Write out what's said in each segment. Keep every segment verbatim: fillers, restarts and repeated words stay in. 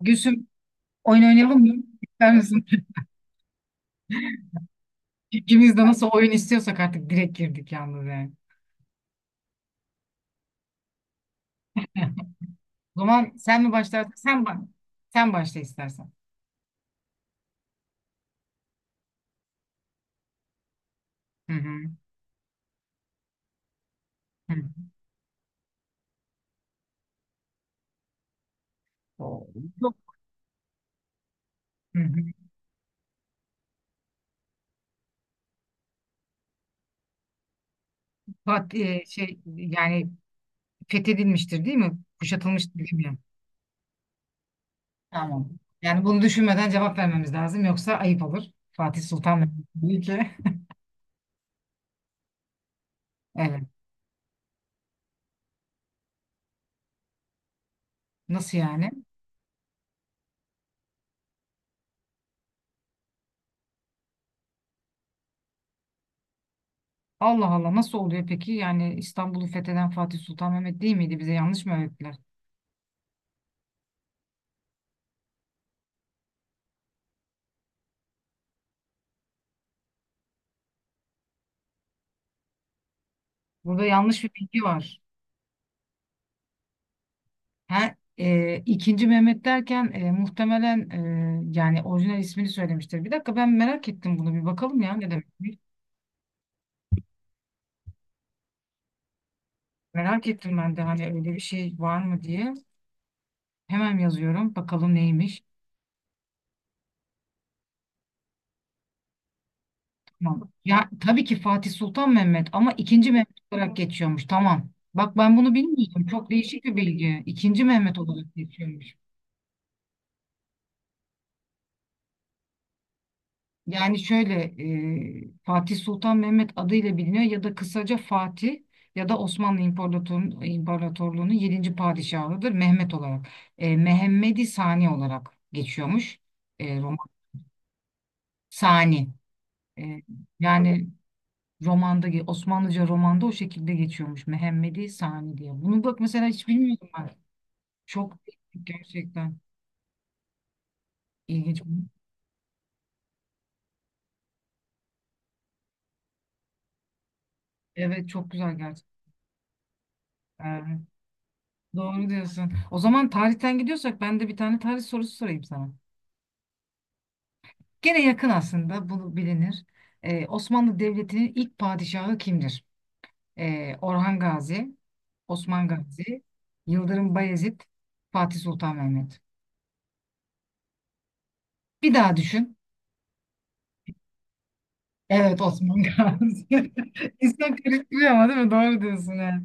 Gülsüm oyun oynayalım mı? İster misin? İkimiz de nasıl oyun istiyorsak artık direkt girdik yalnız yani. O zaman sen mi başlarsın? Sen bak. Sen başla istersen. Hı hı. Hı hı. Tamam. Yok. Hı hı. Fat- e, şey yani fethedilmiştir değil mi? Kuşatılmıştır değil mi? Tamam. Yani bunu düşünmeden cevap vermemiz lazım. Yoksa ayıp olur. Fatih Sultan Mehmet değil ki. Evet. Nasıl yani? Allah Allah nasıl oluyor peki? Yani İstanbul'u fetheden Fatih Sultan Mehmet değil miydi? Bize yanlış mı öğrettiler? Burada yanlış bir bilgi var. Her, e, ikinci Mehmet derken e, muhtemelen e, yani orijinal ismini söylemiştir. Bir dakika ben merak ettim bunu bir bakalım ya ne demek. Merak ettim ben de hani öyle bir şey var mı diye. Hemen yazıyorum bakalım neymiş. Tamam. Ya tabii ki Fatih Sultan Mehmet ama ikinci Mehmet olarak geçiyormuş. Tamam. Bak ben bunu bilmiyordum. Çok değişik bir bilgi. İkinci Mehmet olarak geçiyormuş. Yani şöyle, e, Fatih Sultan Mehmet adıyla biliniyor ya da kısaca Fatih ya da Osmanlı İmparatorluğu'nun İmparatorluğu'nun yedinci padişahıdır Mehmet olarak. E, Mehmedi Sani olarak geçiyormuş. E, roman Sani. E, yani romanda ge- Osmanlıca romanda o şekilde geçiyormuş Mehmedi Sani diye. Bunu bak mesela hiç bilmiyordum ben. Çok gerçekten ilginç. Evet çok güzel gerçekten. Doğru diyorsun. O zaman tarihten gidiyorsak ben de bir tane tarih sorusu sorayım sana. Gene yakın aslında bunu bilinir. Ee, Osmanlı Devleti'nin ilk padişahı kimdir? Ee, Orhan Gazi, Osman Gazi, Yıldırım Bayezid, Fatih Sultan Mehmet. Bir daha düşün. Evet Osman Gazi. İnsan karıştırıyor ama değil mi? Doğru diyorsun. Yani.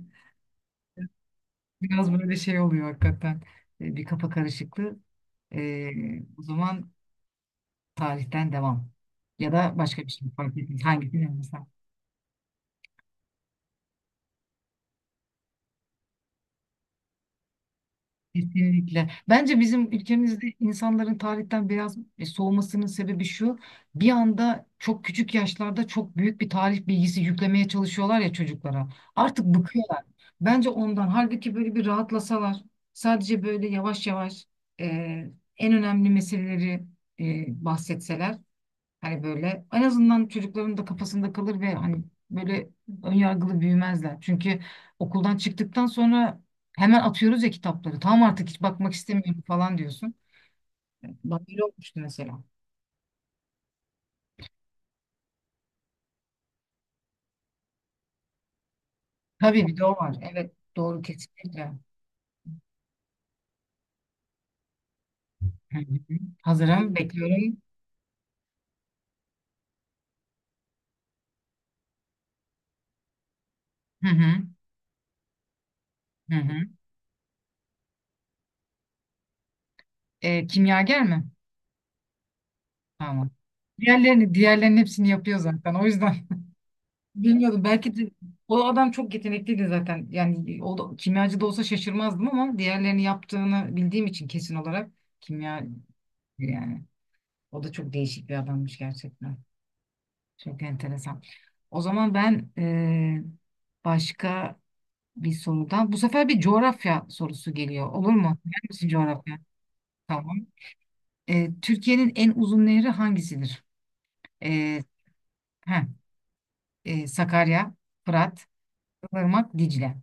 Biraz böyle şey oluyor hakikaten. Ee, bir kafa karışıklığı. Ee, o zaman tarihten devam. Ya da başka bir şey fark etmez. Hangisi mesela kesinlikle. Bence bizim ülkemizde insanların tarihten biraz e, soğumasının sebebi şu. Bir anda çok küçük yaşlarda çok büyük bir tarih bilgisi yüklemeye çalışıyorlar ya çocuklara. Artık bıkıyorlar. Bence ondan. Halbuki böyle bir rahatlasalar. Sadece böyle yavaş yavaş e, en önemli meseleleri e, bahsetseler. Hani böyle en azından çocukların da kafasında kalır ve hani böyle önyargılı büyümezler. Çünkü okuldan çıktıktan sonra hemen atıyoruz ya kitapları. Tamam artık hiç bakmak istemiyorum falan diyorsun. Bak öyle olmuştu mesela. Tabii bir de o var. Evet doğru kesinlikle. Hı hı. Hazırım bekliyorum. Hı hı. Hı hı. Ee, kimyager mi? Tamam. Diğerlerini, diğerlerinin hepsini yapıyor zaten. O yüzden bilmiyorum belki de o adam çok yetenekliydi zaten. Yani o da, kimyacı da olsa şaşırmazdım ama diğerlerini yaptığını bildiğim için kesin olarak kimya yani. O da çok değişik bir adammış gerçekten. Çok enteresan. O zaman ben eee, başka bir sorudan bu sefer bir coğrafya sorusu geliyor. Olur mu? Bilir misin coğrafya? Tamam. Eee, Türkiye'nin en uzun nehri hangisidir? Eee heh, eee, Sakarya, Fırat, Irmak, Dicle.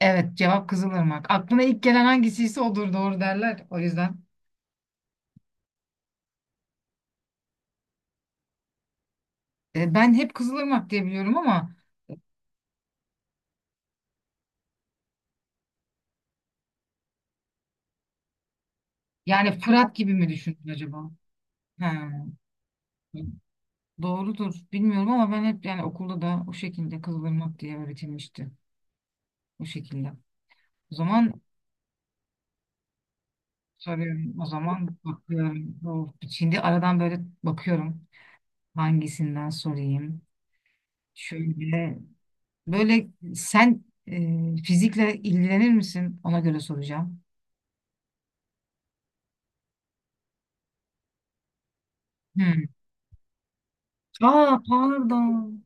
Evet, cevap Kızılırmak. Aklına ilk gelen hangisiyse odur doğru derler. O yüzden E, ben hep Kızılırmak diye biliyorum ama yani Fırat gibi mi düşündün acaba? Ha, doğrudur. Bilmiyorum ama ben hep yani okulda da o şekilde Kızılırmak diye öğretilmişti. O şekilde. O zaman soruyorum. O zaman bakıyorum. Oh, şimdi aradan böyle bakıyorum. Hangisinden sorayım? Şöyle böyle sen e, fizikle ilgilenir misin? Ona göre soracağım. Hmm. Aa pardon.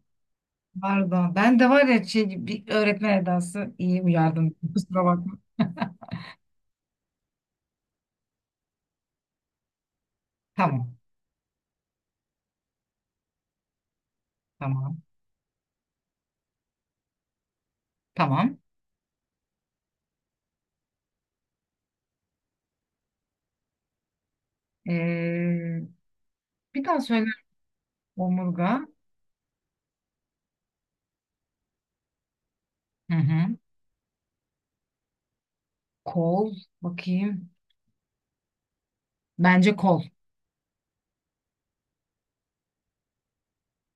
Pardon. Ben de var ya şey, bir öğretmen edası iyi uyardın. Kusura bakma. Tamam. Tamam. Tamam. Ee, bir daha söyle. Omurga. Hı hı. Kol. Bakayım. Bence kol.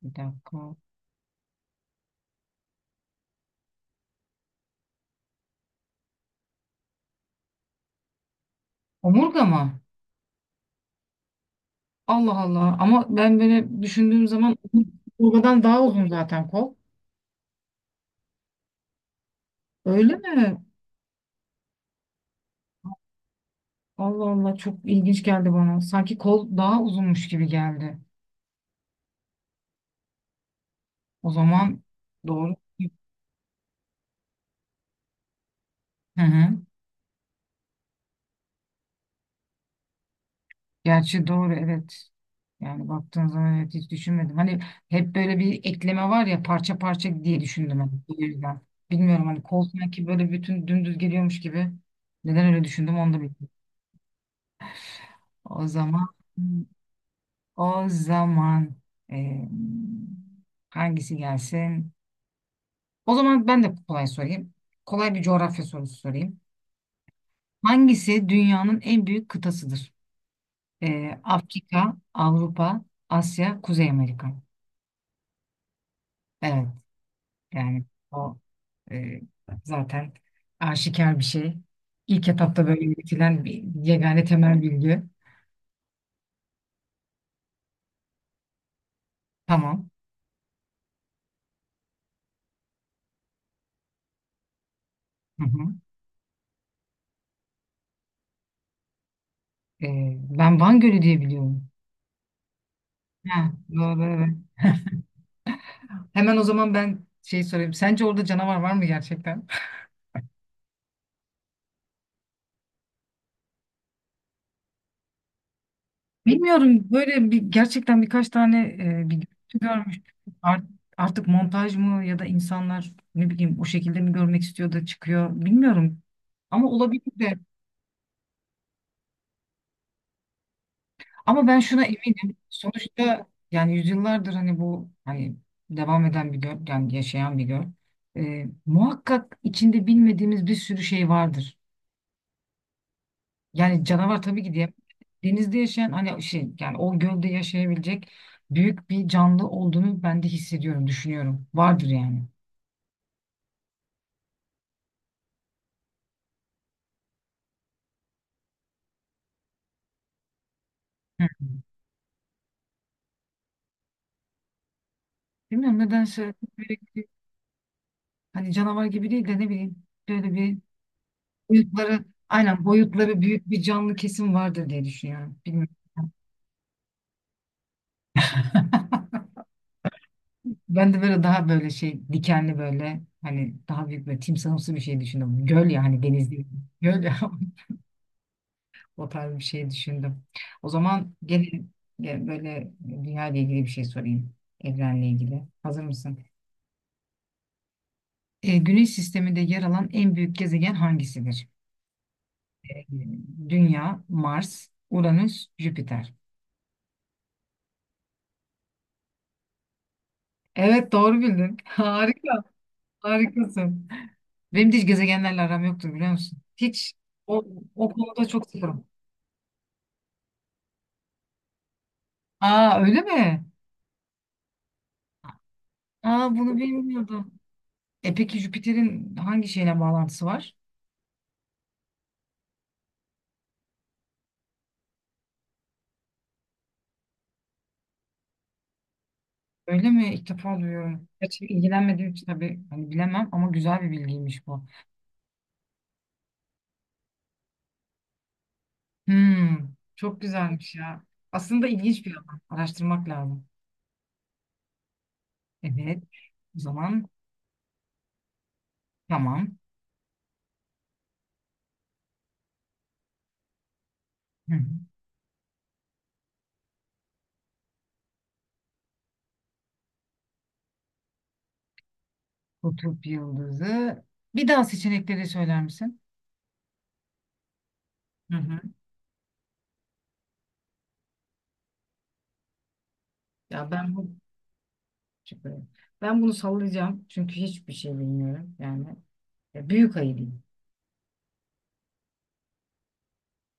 Bir dakika. Omurga mı? Allah Allah. Ama ben böyle düşündüğüm zaman omurgadan daha uzun zaten kol. Öyle mi? Allah Allah çok ilginç geldi bana. Sanki kol daha uzunmuş gibi geldi. O zaman doğru. Hı hı. Gerçi doğru evet. Yani baktığın zaman evet hiç düşünmedim. Hani hep böyle bir ekleme var ya parça parça diye düşündüm hani bu yüzden. Bilmiyorum hani kol sanki böyle bütün dümdüz geliyormuş gibi. Neden öyle düşündüm onu da bilmiyorum. O zaman o zaman eee, hangisi gelsin? O zaman ben de kolay sorayım. Kolay bir coğrafya sorusu sorayım. Hangisi dünyanın en büyük kıtasıdır? Eee, Afrika, Avrupa, Asya, Kuzey Amerika. Evet. Yani o e, zaten aşikar bir şey. İlk etapta böyle üretilen bir yegane temel bilgi. Tamam. Hı hı. E, ben Van Gölü diye biliyorum. Ha, doğru, evet. Hemen o zaman ben şey sorayım. Sence orada canavar var mı gerçekten? Bilmiyorum. Böyle bir, gerçekten birkaç tane e, bir görüntü görmüştüm. Art- artık montaj mı ya da insanlar ne bileyim o şekilde mi görmek istiyor da çıkıyor bilmiyorum. Ama olabilir de. Ama ben şuna eminim. Sonuçta yani yüzyıllardır hani bu hani devam eden bir göl, yani yaşayan bir göl. Ee, muhakkak içinde bilmediğimiz bir sürü şey vardır. Yani canavar tabii ki diye denizde yaşayan hani şey yani o gölde yaşayabilecek büyük bir canlı olduğunu ben de hissediyorum, düşünüyorum. Vardır yani. Hı. Bilmiyorum nedense böyle bir- hani canavar gibi değil de ne bileyim böyle bir boyutları aynen boyutları büyük bir canlı kesim vardır diye düşünüyorum. Bilmiyorum. Ben de böyle daha böyle şey dikenli böyle hani daha büyük böyle timsahımsı bir şey düşündüm. Göl ya hani deniz değil. Göl ya o tarz bir şey düşündüm. O zaman gelin e, böyle dünya ile ilgili bir şey sorayım. Evrenle ilgili. Hazır mısın? E, Güneş sisteminde yer alan en büyük gezegen hangisidir? E, Dünya, Mars, Uranüs, Jüpiter. Evet doğru bildin. Harika. Harikasın. Benim de hiç gezegenlerle aram yoktur biliyor musun? Hiç o, o konuda çok sıfırım. Aa öyle mi? Aa bunu bilmiyordum. E peki Jüpiter'in hangi şeyle bağlantısı var? Öyle mi? İlk defa duyuyorum. Gerçi ilgilenmediğim için tabii hani bilemem ama güzel bir bilgiymiş bu. Hmm, çok güzelmiş ya. Aslında ilginç bir alan. Araştırmak lazım. Evet. O zaman tamam. Hı hı. Kutup yıldızı. Bir daha seçenekleri söyler misin? Hı hı. Ya ben bu ben bunu sallayacağım çünkü hiçbir şey bilmiyorum yani. Ya büyük ayı diyeyim.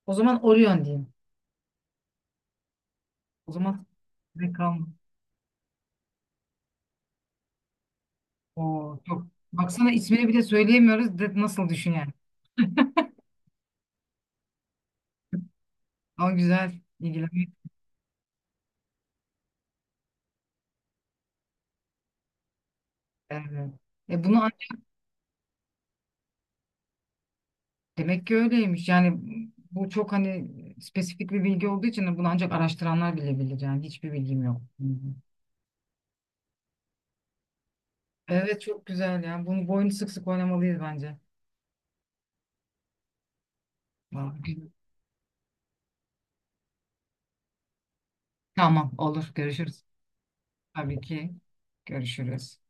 O zaman Orion diyeyim. O zaman ne Reklam. Oo çok. Baksana ismini bile söyleyemiyoruz. De, nasıl düşün yani? Ama güzel ilgilenmek. Evet. E bunu ancak demek ki öyleymiş. Yani bu çok hani spesifik bir bilgi olduğu için bunu ancak araştıranlar bilebilir. Yani hiçbir bilgim yok. Hı hı. Evet çok güzel yani. Bunu bu oyunu sık sık oynamalıyız bence. Vallahi güzel. Tamam olur. Görüşürüz. Tabii ki. Görüşürüz.